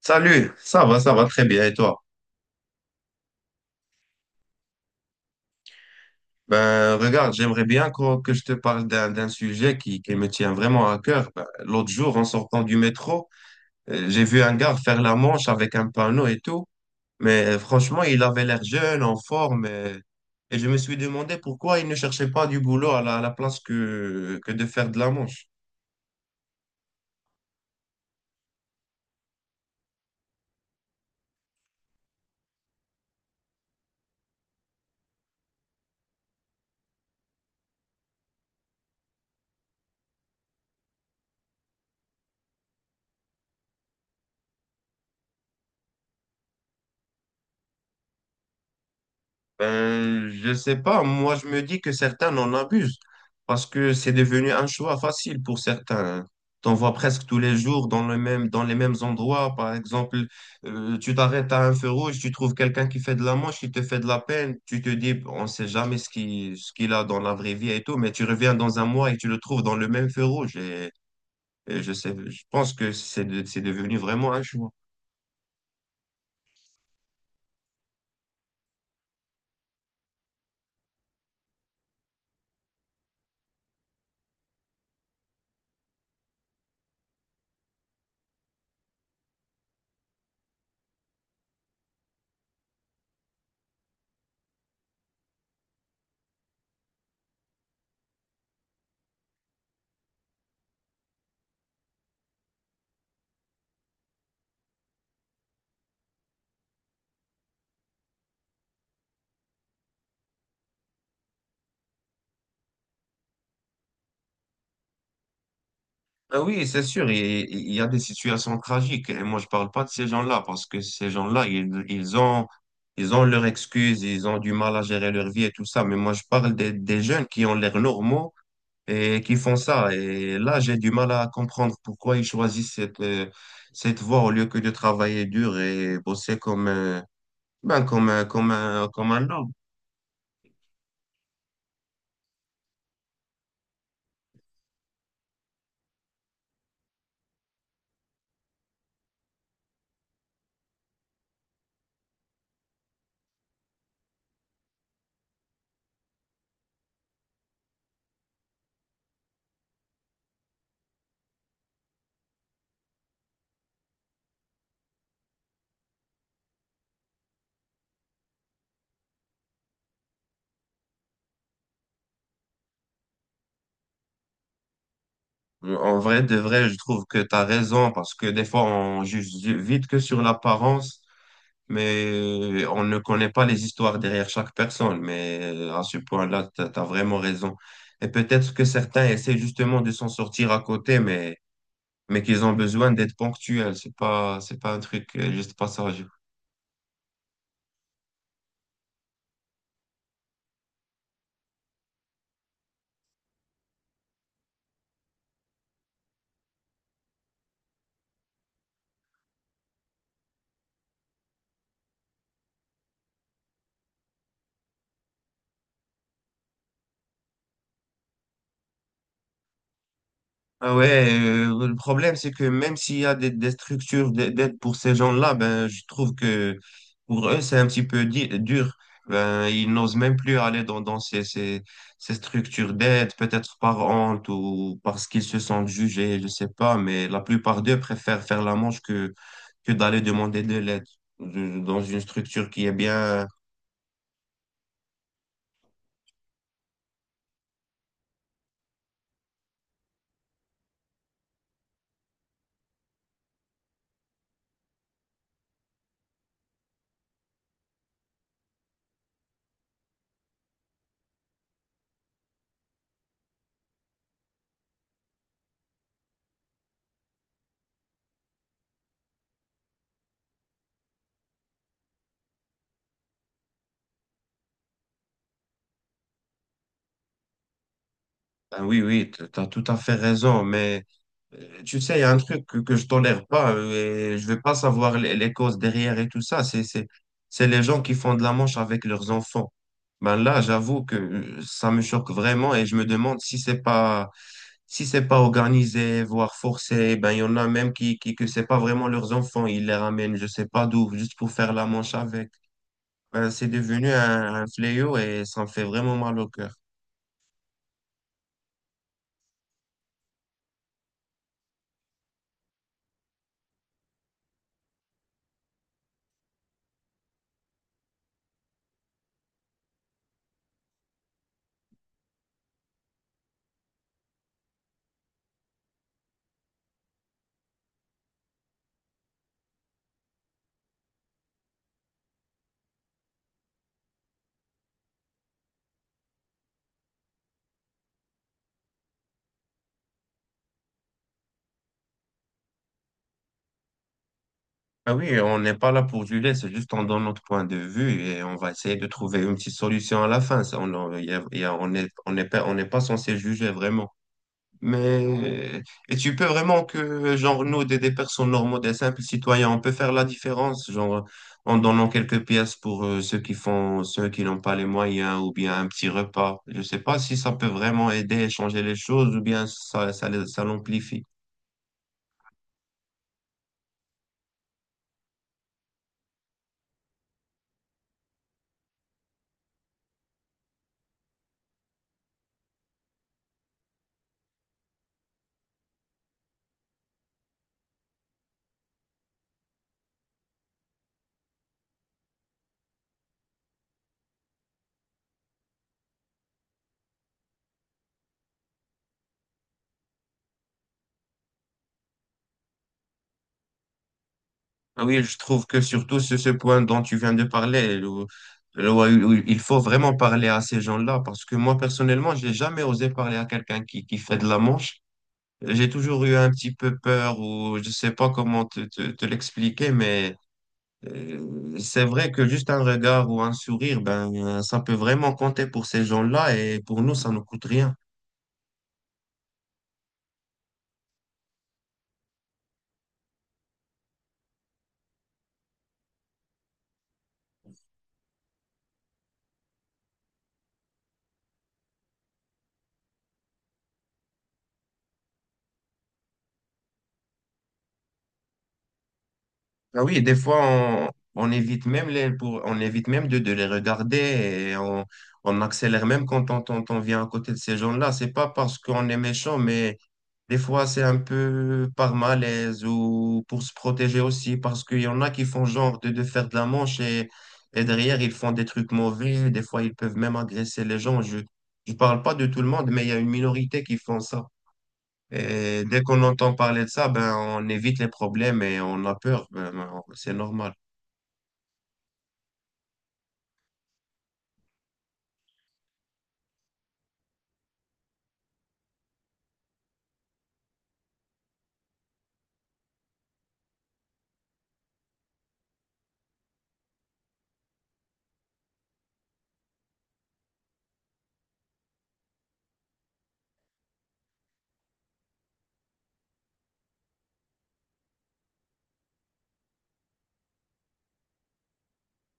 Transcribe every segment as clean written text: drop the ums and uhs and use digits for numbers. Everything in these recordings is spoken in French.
Salut, ça va très bien et toi? Ben regarde, j'aimerais bien que je te parle d'un sujet qui me tient vraiment à cœur. Ben, l'autre jour, en sortant du métro, j'ai vu un gars faire la manche avec un panneau et tout, mais franchement, il avait l'air jeune, en forme, et je me suis demandé pourquoi il ne cherchait pas du boulot à la place que de faire de la manche. Ben, je sais pas. Moi, je me dis que certains en abusent parce que c'est devenu un choix facile pour certains, hein. T'en vois presque tous les jours dans les mêmes endroits. Par exemple, tu t'arrêtes à un feu rouge, tu trouves quelqu'un qui fait de la manche, il te fait de la peine. Tu te dis, bon, on ne sait jamais ce qu'il a dans la vraie vie et tout, mais tu reviens dans un mois et tu le trouves dans le même feu rouge. Et je pense que c'est devenu vraiment un choix. Ah oui, c'est sûr, il y a des situations tragiques. Et moi, je parle pas de ces gens-là parce que ces gens-là, ils ont leurs excuses, ils ont du mal à gérer leur vie et tout ça. Mais moi, je parle des jeunes qui ont l'air normaux et qui font ça. Et là, j'ai du mal à comprendre pourquoi ils choisissent cette voie au lieu que de travailler dur et bosser comme comme un lord. En vrai, de vrai, je trouve que tu as raison parce que des fois, on juge vite que sur l'apparence, mais on ne connaît pas les histoires derrière chaque personne. Mais à ce point-là, tu as vraiment raison. Et peut-être que certains essaient justement de s'en sortir à côté, mais qu'ils ont besoin d'être ponctuels. C'est pas un truc, juste passage. Ah ouais, le problème, c'est que même s'il y a des structures d'aide pour ces gens-là, ben, je trouve que pour eux, c'est un petit peu dur. Ben, ils n'osent même plus aller dans ces structures d'aide, peut-être par honte ou parce qu'ils se sentent jugés, je sais pas, mais la plupart d'eux préfèrent faire la manche que d'aller demander de l'aide dans une structure qui est bien. Ben oui, oui, tu as tout à fait raison, mais tu sais, il y a un truc que je tolère pas, et je vais pas savoir les causes derrière et tout ça. C'est les gens qui font de la manche avec leurs enfants. Ben là, j'avoue que ça me choque vraiment et je me demande si c'est pas organisé, voire forcé. Ben il y en a même qui que c'est pas vraiment leurs enfants, ils les ramènent, je sais pas d'où, juste pour faire la manche avec. Ben c'est devenu un fléau et ça me fait vraiment mal au cœur. Ah oui, on n'est pas là pour juger, c'est juste on donne notre point de vue et on va essayer de trouver une petite solution à la fin. Ça, on- y a- y a- on est, on n'est pas censé juger vraiment. Mais et tu peux vraiment que, genre, nous, des personnes normaux, des simples citoyens, on peut faire la différence, genre, en donnant quelques pièces pour ceux qui font, ceux qui n'ont pas les moyens, ou bien un petit repas. Je sais pas si ça peut vraiment aider à changer les choses, ou bien ça l'amplifie. Ah oui, je trouve que surtout ce point dont tu viens de parler, où il faut vraiment parler à ces gens-là, parce que moi, personnellement, j'ai jamais osé parler à quelqu'un qui fait de la manche. J'ai toujours eu un petit peu peur, ou je sais pas comment te l'expliquer, mais c'est vrai que juste un regard ou un sourire, ben, ça peut vraiment compter pour ces gens-là, et pour nous, ça ne coûte rien. Ah oui, des fois, on, on évite même on évite même de les regarder et on accélère même quand on vient à côté de ces gens-là. C'est pas parce qu'on est méchant, mais des fois, c'est un peu par malaise ou pour se protéger aussi, parce qu'il y en a qui font genre de faire de la manche, et derrière, ils font des trucs mauvais. Des fois, ils peuvent même agresser les gens. Je parle pas de tout le monde, mais il y a une minorité qui font ça. Et dès qu'on entend parler de ça, ben, on évite les problèmes et on a peur. Ben, c'est normal.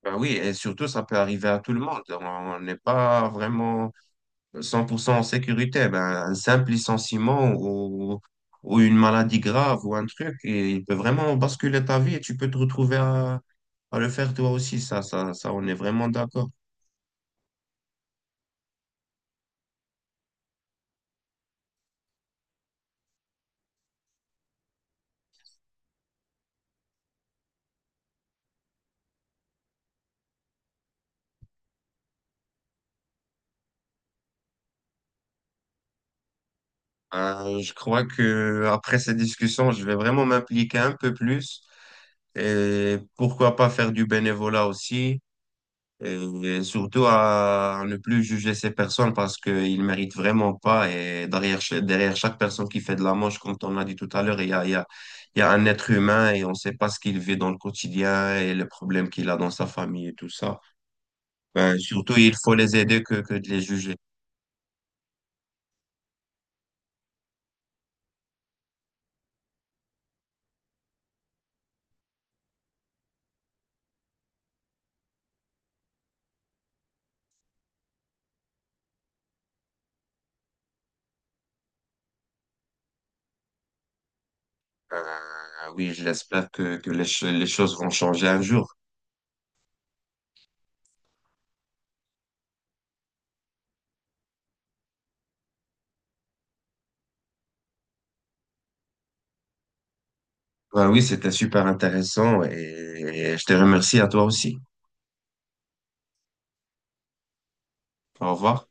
Ben oui, et surtout, ça peut arriver à tout le monde. On n'est pas vraiment 100% en sécurité. Ben, un simple licenciement ou une maladie grave ou un truc, et il peut vraiment basculer ta vie et tu peux te retrouver à le faire toi aussi. On est vraiment d'accord. Je crois que après cette discussion, je vais vraiment m'impliquer un peu plus et pourquoi pas faire du bénévolat aussi et surtout à ne plus juger ces personnes parce qu'ils méritent vraiment pas, et derrière, derrière chaque personne qui fait de la manche, comme on a dit tout à l'heure, il y a un être humain et on ne sait pas ce qu'il vit dans le quotidien et les problèmes qu'il a dans sa famille et tout ça. Ben, surtout, il faut les aider que de les juger. Ben, oui, je l'espère que les choses vont changer un jour. Ah oui, c'était super intéressant et je te remercie à toi aussi. Au revoir.